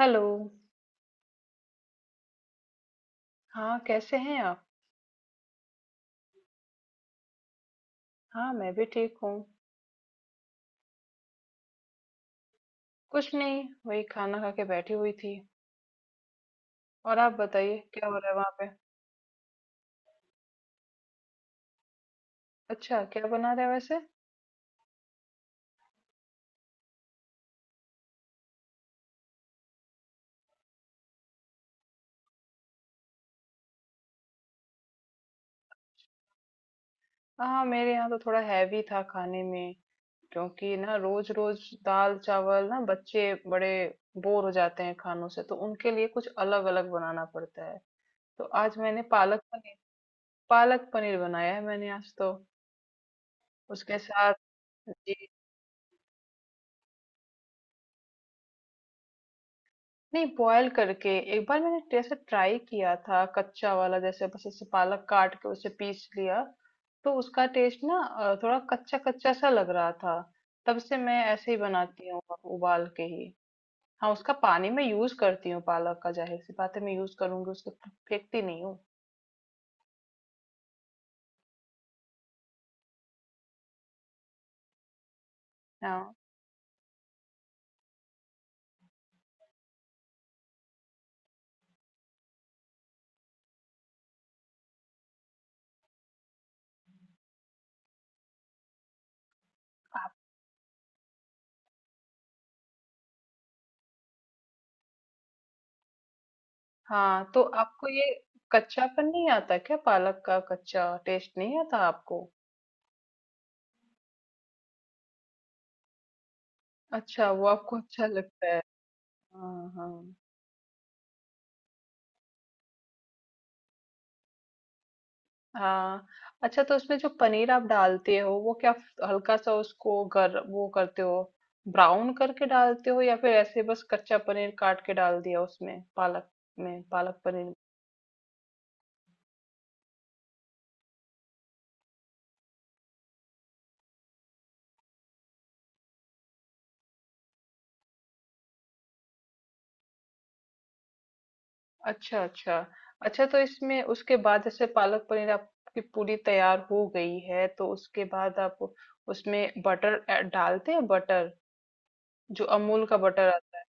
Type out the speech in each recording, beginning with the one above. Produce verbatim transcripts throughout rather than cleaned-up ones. Hello. हाँ, कैसे हैं आप? हाँ, मैं भी ठीक हूँ। कुछ नहीं, वही खाना खा के बैठी हुई थी। और आप बताइए, क्या हो रहा है वहाँ पे? अच्छा, क्या बना रहे हैं वैसे? हाँ, मेरे यहाँ तो थोड़ा हैवी था खाने में, क्योंकि ना रोज रोज दाल चावल ना बच्चे बड़े बोर हो जाते हैं खानों से, तो उनके लिए कुछ अलग अलग बनाना पड़ता है। तो आज मैंने पालक पनीर, पालक पनीर बनाया है मैंने आज तो, उसके साथ। जी। नहीं, बॉयल करके। एक बार मैंने जैसे ट्राई किया था कच्चा वाला, जैसे बस ऐसे पालक काट के उसे पीस लिया, तो उसका टेस्ट ना अ, थोड़ा कच्चा कच्चा सा लग रहा था। तब से मैं ऐसे ही बनाती हूँ अब, उबाल के ही। हाँ, उसका पानी में यूज करती हूँ, पालक का, जाहिर सी बात है मैं यूज करूंगी उसको, फे- फेंकती नहीं हूँ। हाँ। आप- हाँ, तो आपको ये कच्चापन नहीं आता क्या? पालक का कच्चा टेस्ट नहीं आता आपको? अच्छा, वो आपको अच्छा लगता है। हाँ हाँ हाँ। अच्छा, तो उसमें जो पनीर आप डालते हो वो क्या हल्का सा उसको गर वो करते हो, ब्राउन करके डालते हो, या फिर ऐसे बस कच्चा पनीर काट के डाल दिया उसमें पालक में, पालक पनीर अच्छा अच्छा। अच्छा, तो इसमें उसके बाद जैसे पालक पनीर आपकी पूरी तैयार हो गई है, तो उसके बाद आप उसमें बटर ऐ- डालते हैं? बटर जो अमूल का बटर आता है।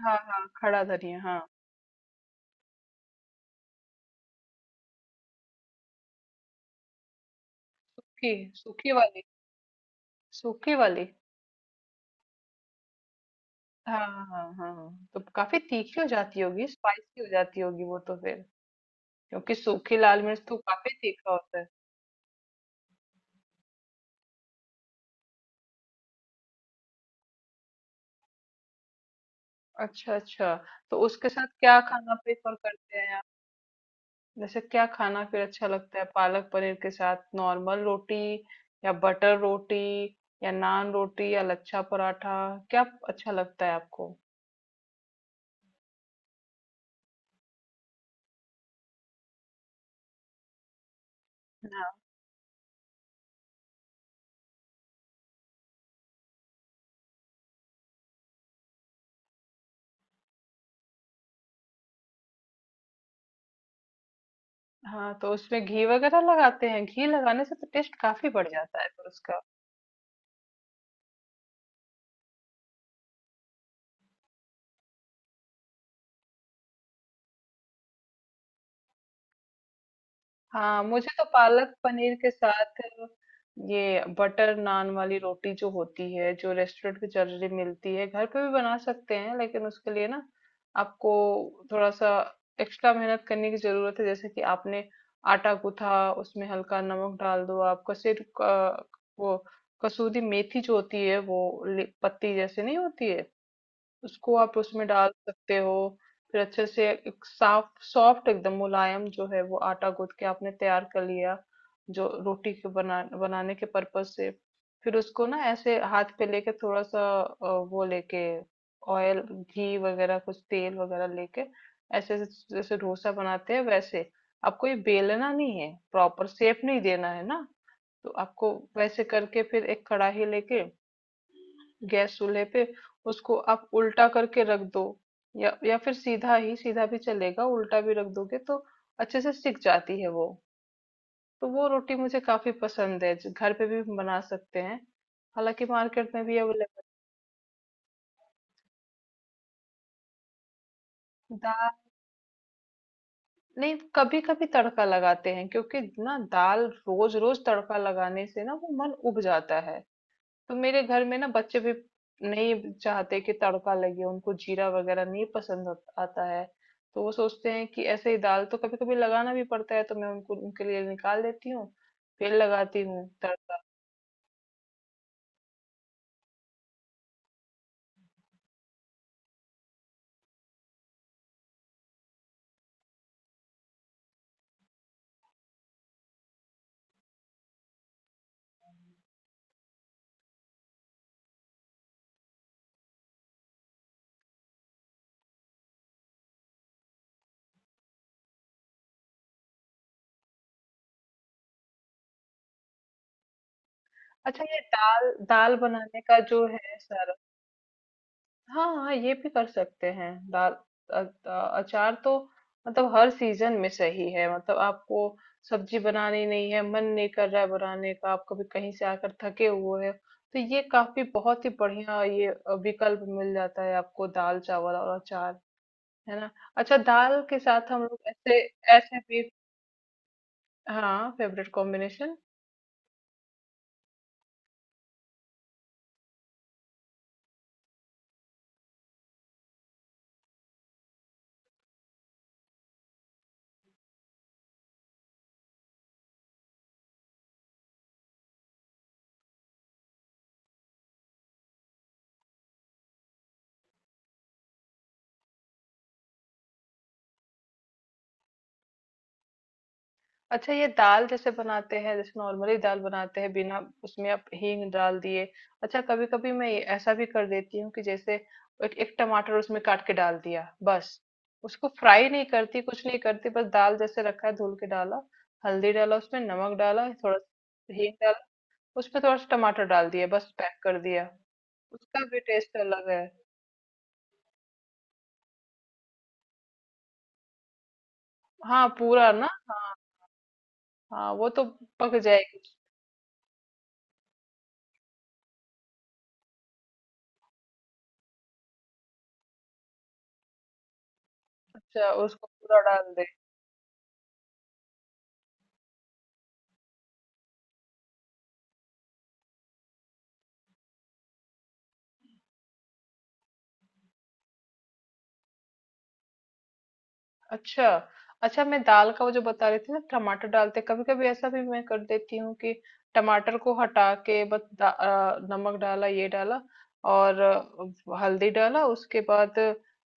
हाँ हाँ, खड़ा धनिया, हाँ। सूखी। सूखी वाली। सूखी वाली। हाँ हाँ हाँ हाँ। तो काफी तीखी हो जाती होगी, स्पाइसी हो जाती होगी वो तो फिर, क्योंकि सूखी लाल मिर्च तो काफी तीखा होता है। अच्छा अच्छा। तो उसके साथ क्या खाना प्रेफर करते हैं आप? जैसे क्या खाना फिर अच्छा लगता है पालक पनीर के साथ? नॉर्मल रोटी या बटर रोटी या नान रोटी या लच्छा पराठा, क्या अच्छा लगता है आपको? हाँ हाँ, तो उसमें घी वगैरह लगाते हैं? घी लगाने से तो टेस्ट काफी बढ़ जाता है फिर उसका। हाँ, मुझे तो पालक पनीर के साथ ये बटर नान वाली रोटी जो होती है, जो रेस्टोरेंट की जल्दी मिलती है, घर पे भी बना सकते हैं लेकिन उसके लिए ना आपको थोड़ा सा एक्स्ट्रा मेहनत करने की जरूरत है। जैसे कि आपने आटा गूथा, उसमें हल्का नमक डाल दो, आप कसीर का- वो कसूरी मेथी जो होती है वो ले- पत्ती जैसे नहीं होती है, उसको आप उसमें डाल सकते हो। फिर अच्छे से एक साफ सॉफ्ट एकदम मुलायम जो है वो आटा गूंथ के आपने तैयार कर लिया, जो रोटी के बना बनाने के पर्पज से। फिर उसको ना ऐसे हाथ पे लेके थोड़ा सा अ, वो लेके, ऑयल घी वगैरह, कुछ तेल वगैरह लेके ऐसे ऐसे, जैसे डोसा बनाते हैं वैसे, आपको ये बेलना नहीं है, प्रॉपर शेप नहीं देना है ना। तो आपको वैसे करके फिर एक कढ़ाई लेके गैस चूल्हे पे उसको आप उल्टा करके रख दो, या या फिर सीधा ही, सीधा भी चलेगा, उल्टा भी रख दोगे तो अच्छे से सिक जाती है वो। तो वो रोटी मुझे काफी पसंद है जो घर पे भी हम बना सकते हैं, हालांकि मार्केट में भी अवेलेबल। दाल? नहीं, कभी कभी तड़का लगाते हैं, क्योंकि ना दाल रोज रोज तड़का लगाने से ना वो मन उब जाता है। तो मेरे घर में ना बच्चे भी नहीं चाहते कि तड़का लगे, उनको जीरा वगैरह नहीं पसंद होत- आता है। तो वो सोचते हैं कि ऐसे ही दाल, तो कभी कभी लगाना भी पड़ता है, तो मैं उनको उनके लिए निकाल देती हूँ, फिर लगाती हूँ तड़का। अच्छा, ये दाल, दाल बनाने का जो है सारा। हाँ हाँ, ये भी कर सकते हैं दाल। अ- अ- अचार तो मतलब हर सीजन में सही है, मतलब आपको सब्जी बनानी नहीं है, मन नहीं कर रहा है बनाने का, आप कभी कहीं से आकर थके हुए हैं, तो ये काफी बहुत ही बढ़िया ये अ, विकल्प मिल जाता है आपको, दाल चावल और अचार। है ना? अच्छा, दाल के साथ हम लोग ऐसे, ऐसे भी। हाँ, फेवरेट कॉम्बिनेशन। अच्छा, ये दाल जैसे बनाते हैं, जैसे नॉर्मली दाल बनाते हैं बिना, उसमें आप हींग डाल दिए। अच्छा, कभी कभी मैं ये ऐसा भी कर देती हूँ कि जैसे एक, एक टमाटर उसमें काट के डाल दिया बस, उसको फ्राई नहीं करती, कुछ नहीं करती, बस दाल जैसे रखा है धुल के डाला, हल्दी डाला, उसमें नमक डाला, थोड़ा सा हींग डाला, उसमें थोड़ा सा टमाटर डाल दिया बस, पैक कर दिया। उसका भी टेस्ट अलग है। हाँ, पूरा ना, हाँ। हाँ, वो तो पक जाएगी। अच्छा, उसको पूरा डाल। अच्छा अच्छा, मैं दाल का वो जो बता रही थी ना, टमाटर डालते, कभी कभी ऐसा भी मैं कर देती हूँ कि टमाटर को हटा के बस दा- आ, नमक डाला, ये डाला, और अ, हल्दी डाला, उसके बाद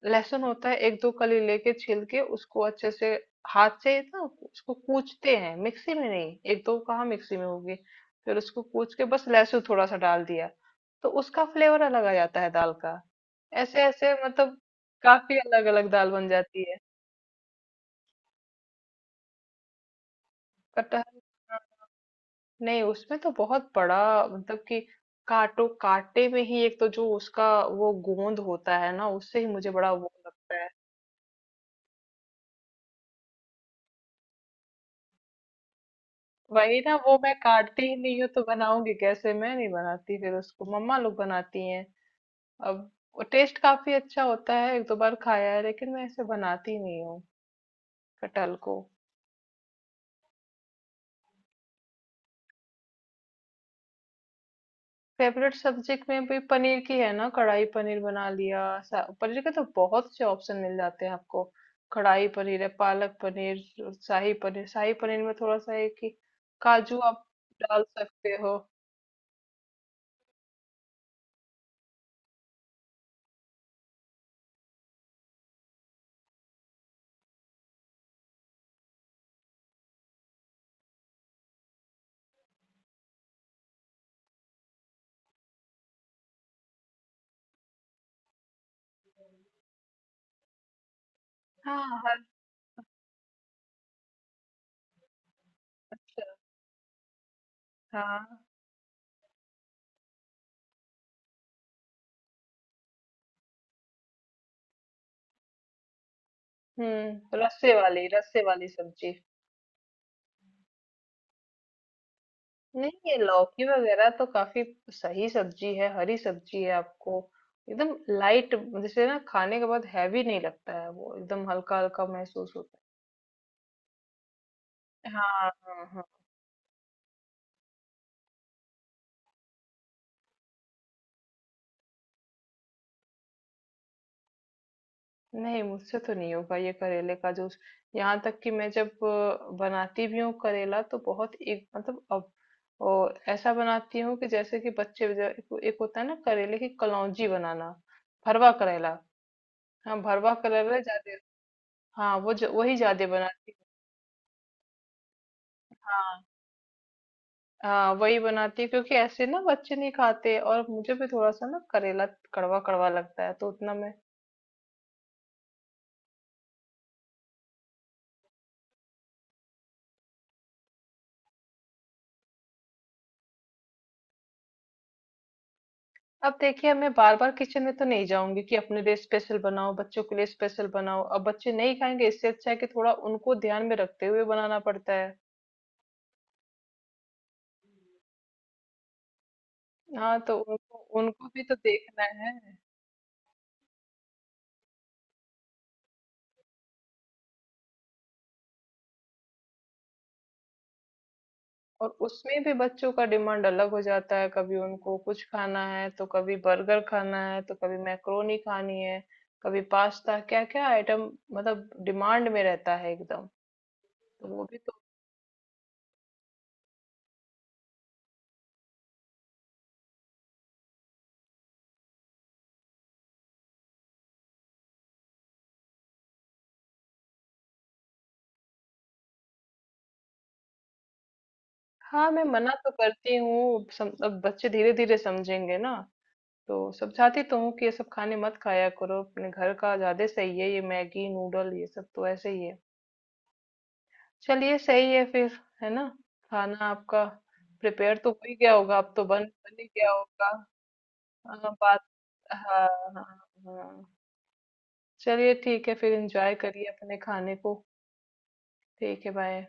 लहसुन होता है एक दो कली लेके छील के उसको अच्छे से हाथ से ना उसको कूचते हैं, मिक्सी में नहीं, एक दो कहाँ मिक्सी में होगी, फिर उसको कूच के बस लहसुन थोड़ा सा डाल दिया, तो उसका फ्लेवर अलग आ जाता है दाल का, ऐसे ऐसे मतलब काफी अलग अलग दाल बन जाती है। कटहल? नहीं, उसमें तो बहुत बड़ा मतलब कि काटो काटे में ही, एक तो जो उसका वो गोंद होता है ना, उससे ही मुझे बड़ा वो लगता है। वही ना, वो मैं काटती ही नहीं हूँ तो बनाऊंगी कैसे, मैं नहीं बनाती फिर उसको, मम्मा लोग बनाती हैं अब। वो टेस्ट काफी अच्छा होता है, एक दो बार खाया है, लेकिन मैं ऐसे बनाती नहीं हूँ कटहल को। फेवरेट सब्जेक्ट में भी पनीर की है ना, कढ़ाई पनीर बना लिया, सा- पनीर के तो बहुत से ऑप्शन मिल जाते हैं आपको। कढ़ाई पनीर है, पालक पनीर, शाही पनीर। शाही पनीर में थोड़ा सा है कि काजू आप डाल सकते हो। हाँ, हर। हाँ। हम्म, रस्से वाली, रस्से वाली सब्जी। नहीं, ये लौकी वगैरह तो काफी सही सब्जी है, हरी सब्जी है, आपको एकदम लाइट, जैसे ना खाने के बाद हैवी नहीं लगता है, वो एकदम हल्का हल्का महसूस होता है। हाँ हाँ हाँ। नहीं, मुझसे तो नहीं होगा ये करेले का जूस। यहाँ तक कि मैं जब अ, बनाती भी हूँ करेला तो बहुत एक मतलब अब ओ, ऐसा बनाती हूँ कि जैसे कि बच्चे जो- एक, एक होता है ना करेले की कलौंजी बनाना, भरवा करेला। हाँ, भरवा करेला ज्यादा। हाँ, वो ज, वही ज्यादा बनाती हूँ। हाँ हाँ, वही बनाती हूँ क्योंकि ऐसे ना बच्चे नहीं खाते, और मुझे भी थोड़ा सा ना करेला कड़वा कड़वा लगता है, तो उतना मैं। अब देखिए, मैं बार बार किचन में तो नहीं जाऊंगी कि अपने लिए स्पेशल बनाओ, बच्चों के लिए स्पेशल बनाओ, अब बच्चे नहीं खाएंगे, इससे अच्छा है कि थोड़ा उनको ध्यान में रखते हुए बनाना पड़ता है। हाँ, तो उनको उनको भी तो देखना है। और उसमें भी बच्चों का डिमांड अलग हो जाता है, कभी उनको कुछ खाना है, तो कभी बर्गर खाना है, तो कभी मैक्रोनी खानी है, कभी पास्ता, क्या क्या आइटम मतलब डिमांड में रहता है एकदम। तो वो भी तो। हाँ, मैं मना तो करती हूँ सम- अब बच्चे धीरे धीरे समझेंगे ना, तो समझाती तो हूँ कि ये सब खाने मत खाया करो, अपने घर का ज्यादा सही है, ये मैगी नूडल ये सब तो ऐसे ही है। चलिए, सही है फिर, है ना? खाना आपका प्रिपेयर तो हो ही गया होगा अब तो, बन बन ही गया होगा। हाँ, बात। हाँ। हाँ। हाँ। चलिए, ठीक है फिर, एंजॉय करिए अपने खाने को। ठीक है, बाय।